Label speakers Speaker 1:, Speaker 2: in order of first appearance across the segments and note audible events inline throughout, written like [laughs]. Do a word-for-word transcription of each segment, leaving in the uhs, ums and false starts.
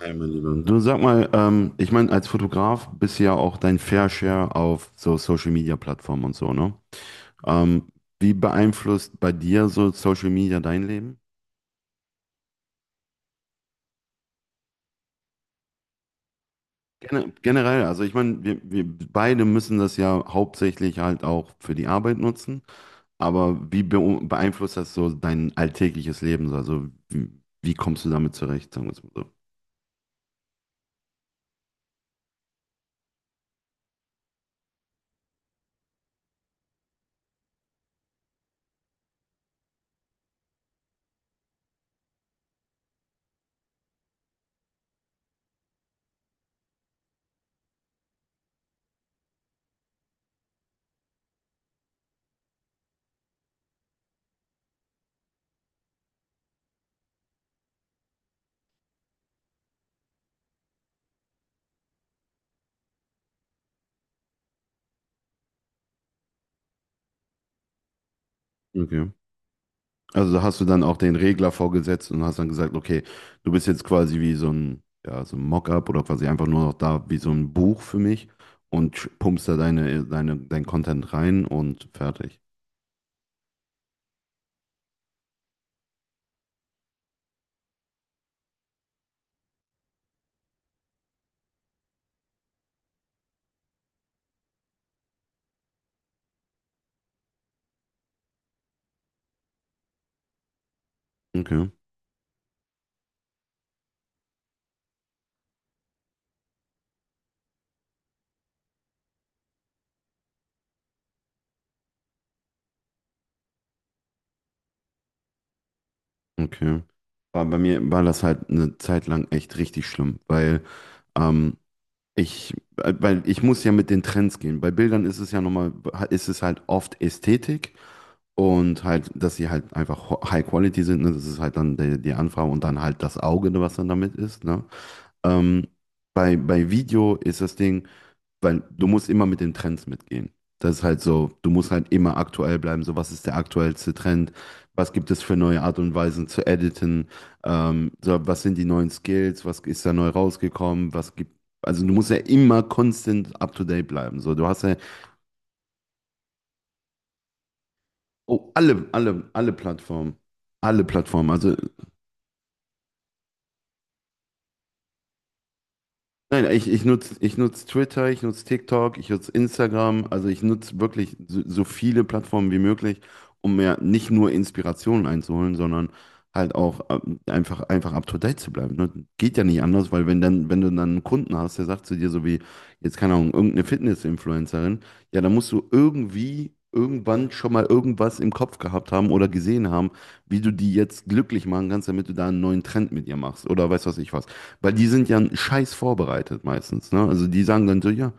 Speaker 1: Hey, mein Lieber. Du, sag mal, ähm, ich meine, als Fotograf bist du ja auch dein Fair Share auf so Social Media Plattformen und so, ne? Ähm, Wie beeinflusst bei dir so Social Media dein Leben? Gene- generell, also ich meine, wir, wir beide müssen das ja hauptsächlich halt auch für die Arbeit nutzen, aber wie beu- beeinflusst das so dein alltägliches Leben? Also wie, wie kommst du damit zurecht, sagen wir es mal so? Also da hast du dann auch den Regler vorgesetzt und hast dann gesagt, okay, du bist jetzt quasi wie so ein, ja, so ein Mockup oder quasi einfach nur noch da wie so ein Buch für mich und sch- pumpst da deine, deine, dein Content rein und fertig. Okay, okay. War bei mir war das halt eine Zeit lang echt richtig schlimm, weil ähm, ich, weil ich muss ja mit den Trends gehen. Bei Bildern ist es ja nochmal, ist es halt oft Ästhetik. Und halt, dass sie halt einfach ho- High Quality sind, ne? Das ist halt dann die, die Anfrage und dann halt das Auge, ne, was dann damit ist, ne? Ähm, bei, bei Video ist das Ding, weil du musst immer mit den Trends mitgehen. Das ist halt so, du musst halt immer aktuell bleiben, so was ist der aktuellste Trend, was gibt es für neue Art und Weisen zu editen, ähm, so, was sind die neuen Skills, was ist da neu rausgekommen, was gibt, also du musst ja immer constant up to date bleiben, so, du hast ja, oh, alle, alle, alle Plattformen. Alle Plattformen. Also nein, ich, ich nutze ich nutz Twitter, ich nutze TikTok, ich nutze Instagram. Also ich nutze wirklich so, so viele Plattformen wie möglich, um mir nicht nur Inspirationen einzuholen, sondern halt auch ähm, einfach, einfach up to date zu bleiben. Ne? Geht ja nicht anders, weil wenn dann, wenn du dann einen Kunden hast, der sagt zu dir so wie, jetzt keine Ahnung, irgendeine Fitness-Influencerin, ja, dann musst du irgendwie irgendwann schon mal irgendwas im Kopf gehabt haben oder gesehen haben, wie du die jetzt glücklich machen kannst, damit du da einen neuen Trend mit ihr machst oder weiß was ich was. Weil die sind ja einen scheiß vorbereitet meistens. Ne? Also die sagen dann so, ja,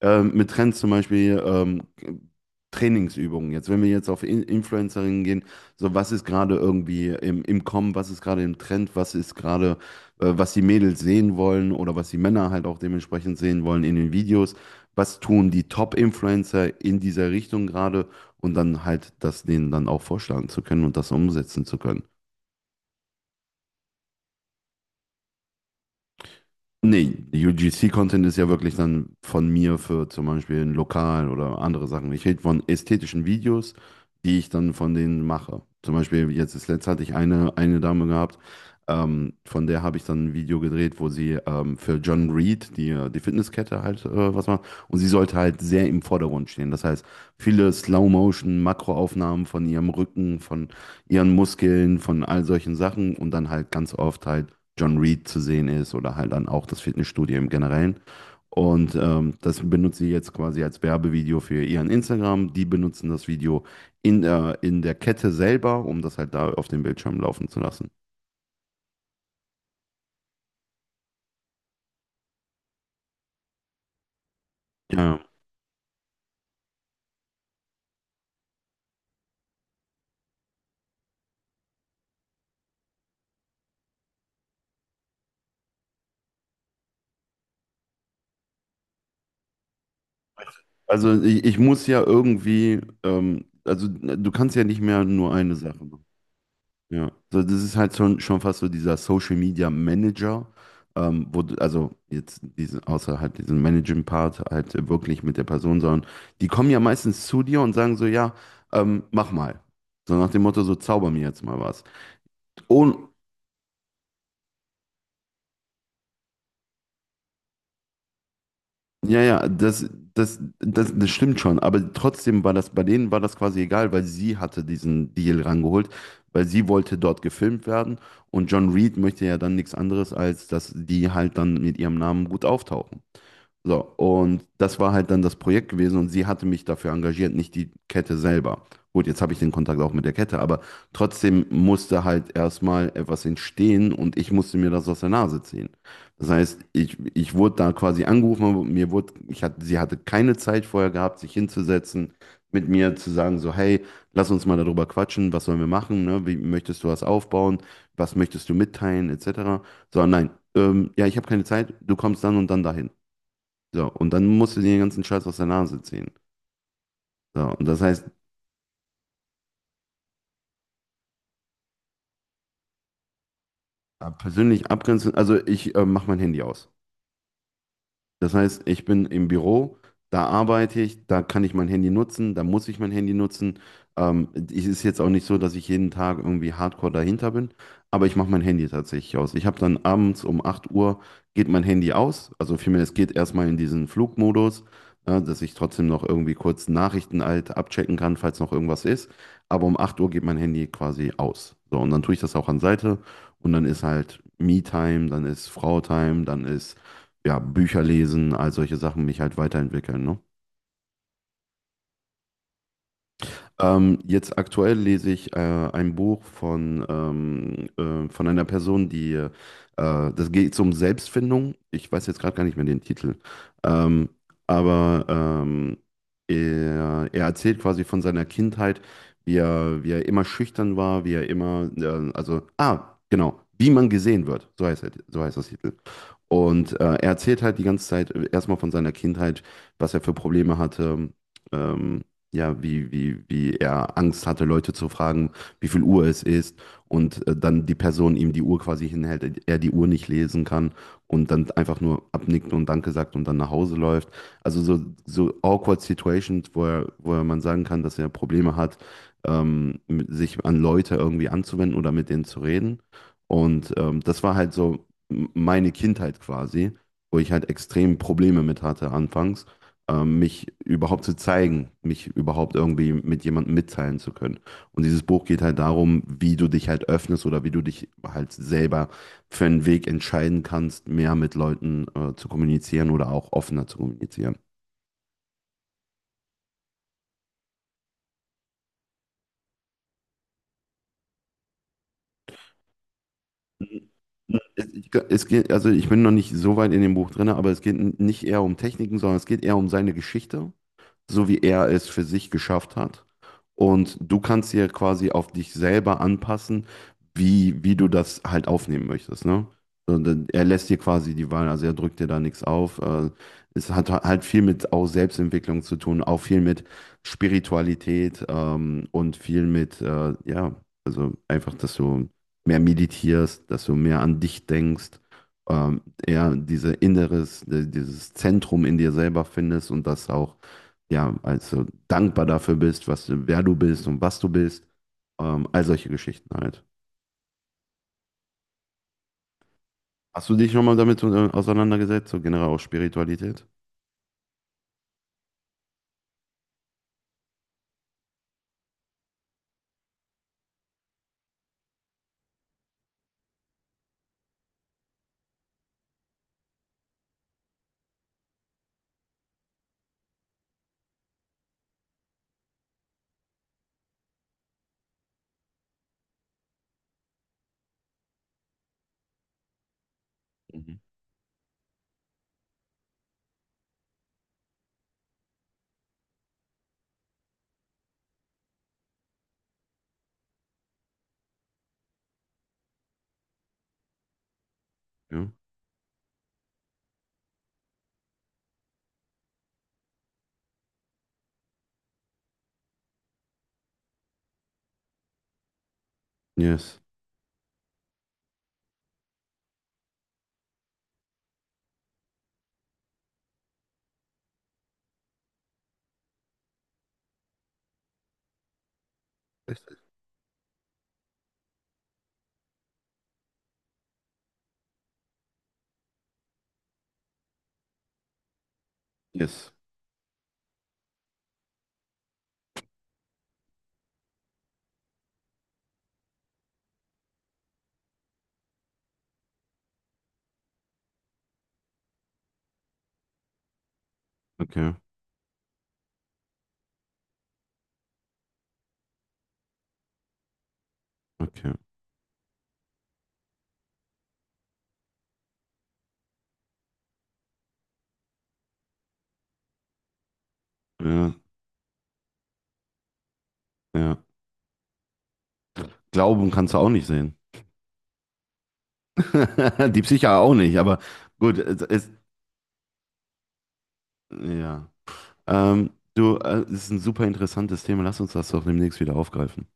Speaker 1: ähm, mit Trends zum Beispiel ähm, Trainingsübungen. Jetzt, wenn wir jetzt auf In Influencerinnen gehen, so was ist gerade irgendwie im, im Kommen, was ist gerade im Trend, was ist gerade, äh, was die Mädels sehen wollen oder was die Männer halt auch dementsprechend sehen wollen in den Videos. Was tun die Top-Influencer in dieser Richtung gerade und dann halt das denen dann auch vorschlagen zu können und das umsetzen zu können. Nee, U G C-Content ist ja wirklich dann von mir für zum Beispiel ein Lokal oder andere Sachen. Ich rede von ästhetischen Videos, die ich dann von denen mache. Zum Beispiel jetzt das letzte hatte ich eine, eine Dame gehabt, ähm, von der habe ich dann ein Video gedreht, wo sie ähm, für John Reed, die, äh, die Fitnesskette halt äh, was macht. Und sie sollte halt sehr im Vordergrund stehen. Das heißt, viele Slow-Motion, Makroaufnahmen von ihrem Rücken, von ihren Muskeln, von all solchen Sachen und dann halt ganz oft halt John Reed zu sehen ist oder halt dann auch das Fitnessstudio im Generellen. Und ähm, das benutzt sie jetzt quasi als Werbevideo für ihren Instagram. Die benutzen das Video in der, in der Kette selber, um das halt da auf dem Bildschirm laufen zu lassen. Ja. Also ich, ich muss ja irgendwie, ähm, also du kannst ja nicht mehr nur eine Sache. Ja, so, das ist halt schon, schon fast so dieser Social Media Manager, ähm, wo du, also jetzt diesen, außer halt diesen Managing-Part halt wirklich mit der Person, sondern die kommen ja meistens zu dir und sagen so, ja, ähm, mach mal. So nach dem Motto, so zauber mir jetzt mal was. Und ja, ja, das, das, das, das stimmt schon, aber trotzdem war das, bei denen war das quasi egal, weil sie hatte diesen Deal rangeholt, weil sie wollte dort gefilmt werden und John Reed möchte ja dann nichts anderes, als dass die halt dann mit ihrem Namen gut auftauchen. So, und das war halt dann das Projekt gewesen und sie hatte mich dafür engagiert, nicht die Kette selber. Gut, jetzt habe ich den Kontakt auch mit der Kette, aber trotzdem musste halt erstmal etwas entstehen und ich musste mir das aus der Nase ziehen. Das heißt, ich, ich wurde da quasi angerufen, aber mir wurde, ich hatte, sie hatte keine Zeit vorher gehabt, sich hinzusetzen, mit mir zu sagen, so, hey, lass uns mal darüber quatschen, was sollen wir machen, ne? Wie möchtest du was aufbauen, was möchtest du mitteilen, et cetera. So, nein, ähm, ja, ich habe keine Zeit, du kommst dann und dann dahin. So, und dann musst du dir den ganzen Scheiß aus der Nase ziehen. So, und das heißt, ab- persönlich abgrenzen, also ich äh, mache mein Handy aus. Das heißt, ich bin im Büro, da arbeite ich, da kann ich mein Handy nutzen, da muss ich mein Handy nutzen. Ähm, es ist jetzt auch nicht so, dass ich jeden Tag irgendwie hardcore dahinter bin, aber ich mache mein Handy tatsächlich aus. Ich habe dann abends um acht Uhr, geht mein Handy aus, also vielmehr es geht erstmal in diesen Flugmodus, ne, dass ich trotzdem noch irgendwie kurz Nachrichten halt abchecken kann, falls noch irgendwas ist. Aber um acht Uhr geht mein Handy quasi aus. So, und dann tue ich das auch an Seite und dann ist halt Me-Time, dann ist Frau-Time, dann ist ja, Bücher lesen, all solche Sachen, mich halt weiterentwickeln, ne? Ähm, jetzt aktuell lese ich äh, ein Buch von, ähm, äh, von einer Person, die, äh, das geht um Selbstfindung. Ich weiß jetzt gerade gar nicht mehr den Titel. Ähm, aber ähm, er, er erzählt quasi von seiner Kindheit, wie er, wie er immer schüchtern war, wie er immer, äh, also, ah, genau, wie man gesehen wird. So heißt, er, so heißt das Titel. Und äh, er erzählt halt die ganze Zeit äh, erstmal von seiner Kindheit, was er für Probleme hatte, ähm, ja, wie, wie, wie er Angst hatte, Leute zu fragen, wie viel Uhr es ist. Und äh, dann die Person ihm die Uhr quasi hinhält, äh, er die Uhr nicht lesen kann und dann einfach nur abnickt und Danke sagt und dann nach Hause läuft. Also so, so awkward Situations, wo er, wo er man sagen kann, dass er Probleme hat, ähm, mit- sich an Leute irgendwie anzuwenden oder mit denen zu reden. Und ähm, das war halt so m- meine Kindheit quasi, wo ich halt extrem Probleme mit hatte anfangs, ähm, mich überhaupt zu zeigen, mich überhaupt irgendwie mit jemandem mitteilen zu können. Und dieses Buch geht halt darum, wie du dich halt öffnest oder wie du dich halt selber für einen Weg entscheiden kannst, mehr mit Leuten äh, zu kommunizieren oder auch offener zu kommunizieren. Es, ich, es geht, also ich bin noch nicht so weit in dem Buch drin, aber es geht n- nicht eher um Techniken, sondern es geht eher um seine Geschichte, so wie er es für sich geschafft hat. Und du kannst dir quasi auf dich selber anpassen, wie, wie du das halt aufnehmen möchtest, ne? Und dann- er lässt dir quasi die Wahl, also er drückt dir da nichts auf. Äh, Es hat halt viel mit auch Selbstentwicklung zu tun, auch viel mit Spiritualität ähm, und viel mit, äh, ja, also einfach, dass du mehr meditierst, dass du mehr an dich denkst, ähm, eher diese Inneres, äh, dieses Zentrum in dir selber findest und das auch ja, also dankbar dafür bist, was, du- wer du bist und was du bist. Ähm, all solche Geschichten halt. Hast du dich schon mal damit äh, auseinandergesetzt, so generell auch Spiritualität? Mhm. Ja. Yes. Richtig. Yes. Okay. Okay. Ja, ja. Glauben kannst du auch nicht sehen. [laughs] Die Psyche auch nicht, aber gut, es ist, ja. Ähm, du, äh, es ist ein super interessantes Thema. Lass uns das doch demnächst wieder aufgreifen.